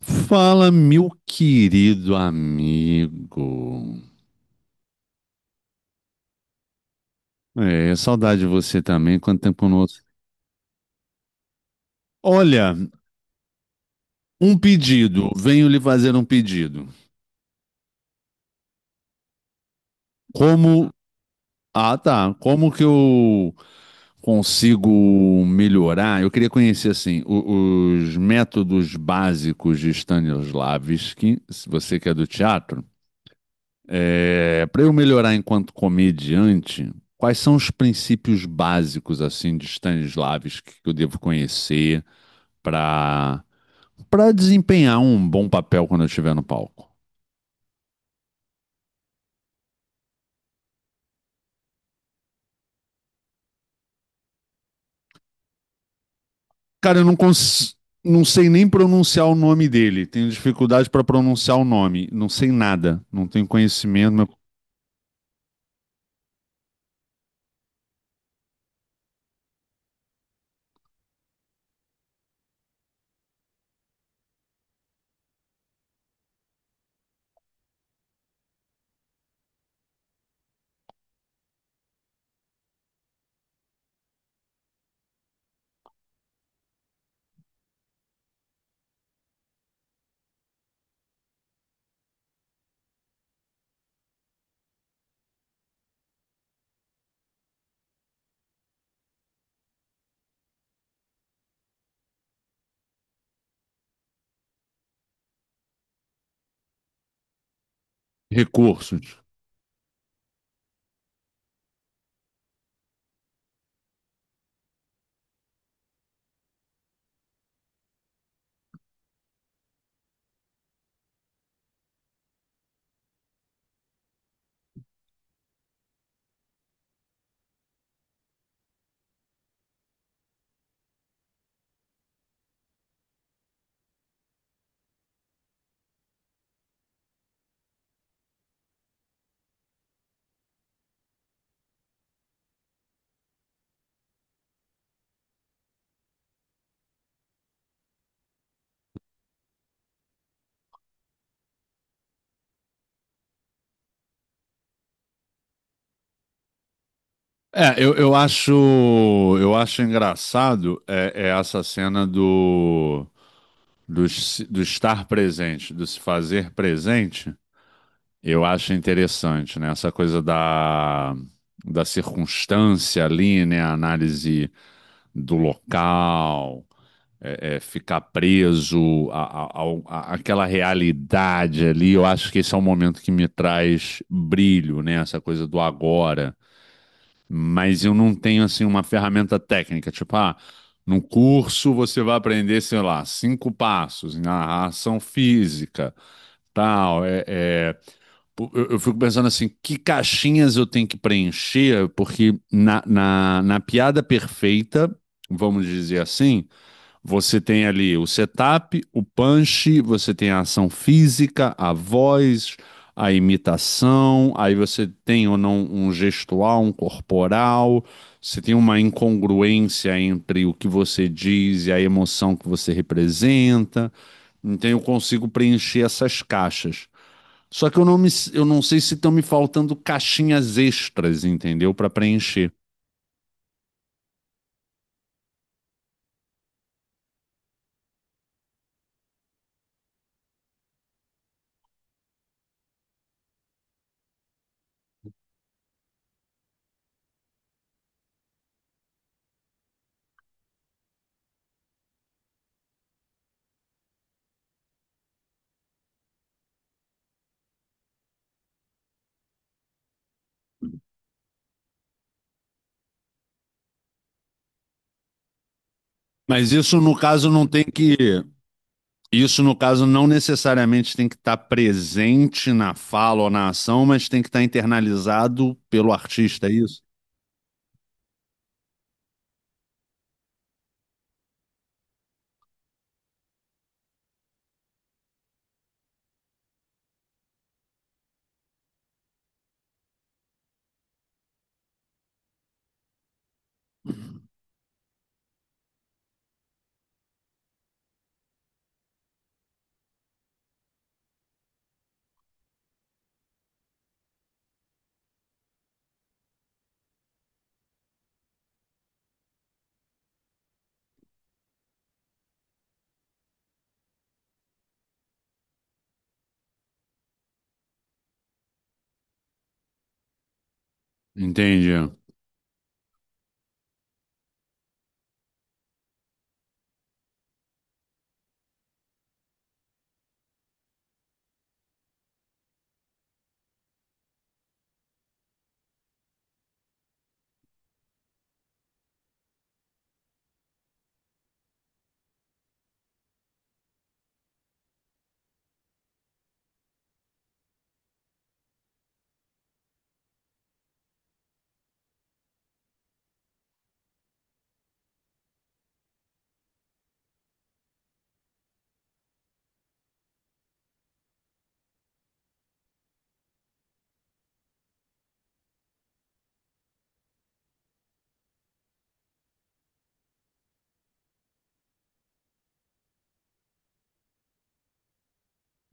Fala, meu querido amigo. É, saudade de você também. Quanto tempo não ouço. Olha, um pedido. Venho lhe fazer um pedido. Como? Ah, tá. Como que eu consigo melhorar? Eu queria conhecer, assim, os métodos básicos de Stanislavski, se você que é do teatro. É, para eu melhorar enquanto comediante, quais são os princípios básicos assim de Stanislavski que eu devo conhecer para para desempenhar um bom papel quando eu estiver no palco? Cara, eu não cons... não sei nem pronunciar o nome dele. Tenho dificuldade para pronunciar o nome. Não sei nada. Não tenho conhecimento, não. Recursos. É, eu, eu acho eu acho engraçado é essa cena do do estar presente, do se fazer presente, eu acho interessante, né? Essa coisa da circunstância ali, né? A análise do local, ficar preso a àquela realidade ali. Eu acho que esse é um momento que me traz brilho, né? Essa coisa do agora, mas eu não tenho assim uma ferramenta técnica, tipo, ah, no curso você vai aprender, sei lá, cinco passos na ação física, tal. Pô, eu fico pensando assim, que caixinhas eu tenho que preencher, porque na piada perfeita, vamos dizer assim, você tem ali o setup, o punch, você tem a ação física, a voz, a imitação, aí você tem ou não um gestual, um corporal, você tem uma incongruência entre o que você diz e a emoção que você representa. Então eu consigo preencher essas caixas. Só que eu não sei se estão me faltando caixinhas extras, entendeu? Para preencher. Mas isso, no caso, não tem que... Isso, no caso, não necessariamente tem que estar presente na fala ou na ação, mas tem que estar internalizado pelo artista, é isso? Entendi.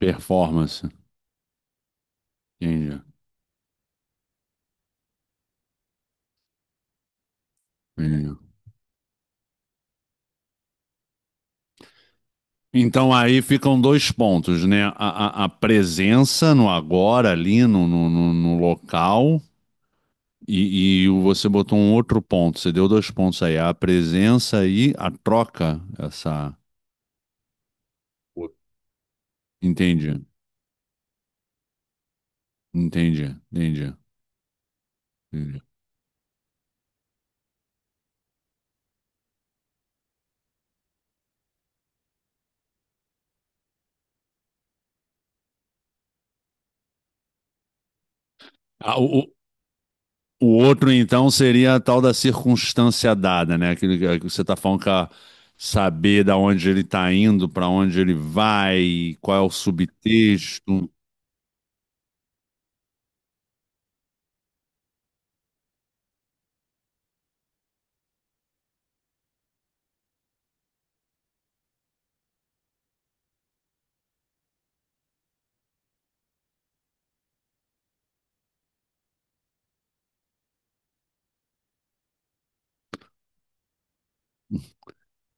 Performance. Entendi. Entendi. Então aí ficam dois pontos, né? A presença no agora, ali no local, e você botou um outro ponto, você deu dois pontos aí, a presença e a troca, essa. Entendi, entendi, entendi, entendi. Ah, o, O outro, então, seria a tal da circunstância dada, né? Aquilo que você está falando, que a saber da onde ele está indo, para onde ele vai, qual é o subtexto.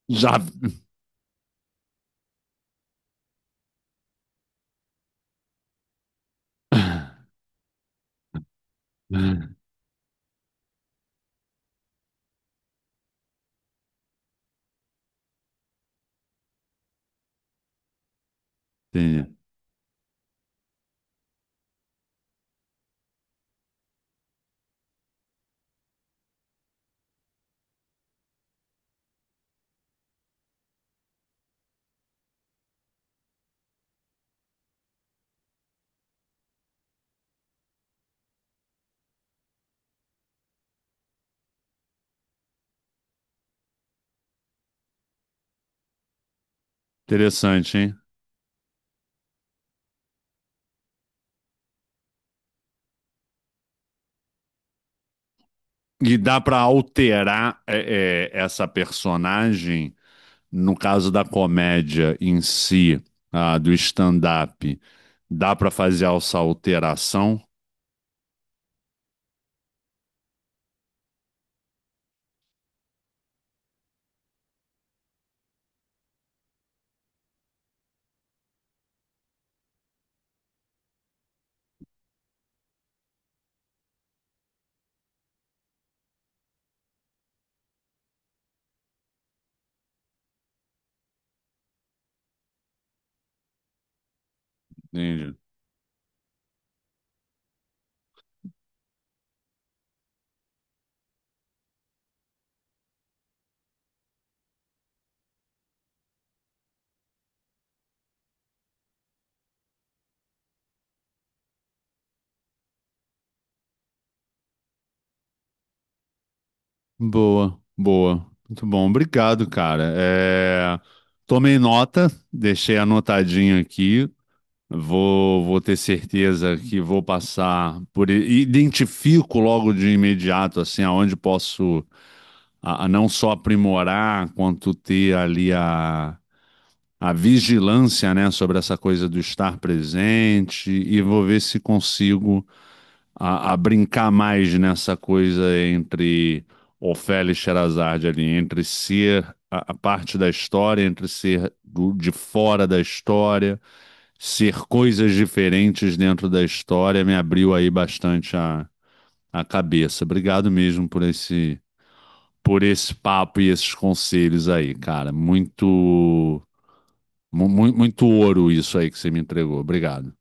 Já. Entendi. Interessante, hein? E dá para alterar essa personagem, no caso da comédia em si, ah, do stand-up, dá para fazer essa alteração? Entendi. Boa, boa. Muito bom. Obrigado, cara. É, tomei nota, deixei anotadinho aqui. Vou ter certeza que vou passar por. Identifico logo de imediato, assim, aonde posso a não só aprimorar, quanto ter ali a vigilância, né, sobre essa coisa do estar presente. E vou ver se consigo a brincar mais nessa coisa entre Ofélia e Sherazade ali, entre ser a parte da história, entre ser de fora da história, ser coisas diferentes dentro da história, me abriu aí bastante a cabeça. Obrigado mesmo por esse papo e esses conselhos aí, cara. Muito ouro isso aí que você me entregou. Obrigado.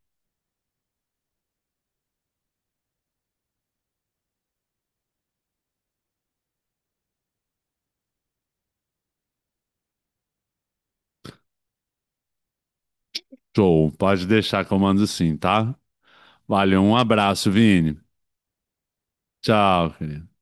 Show, pode deixar que eu mando sim, tá? Valeu, um abraço, Vini. Tchau, querido.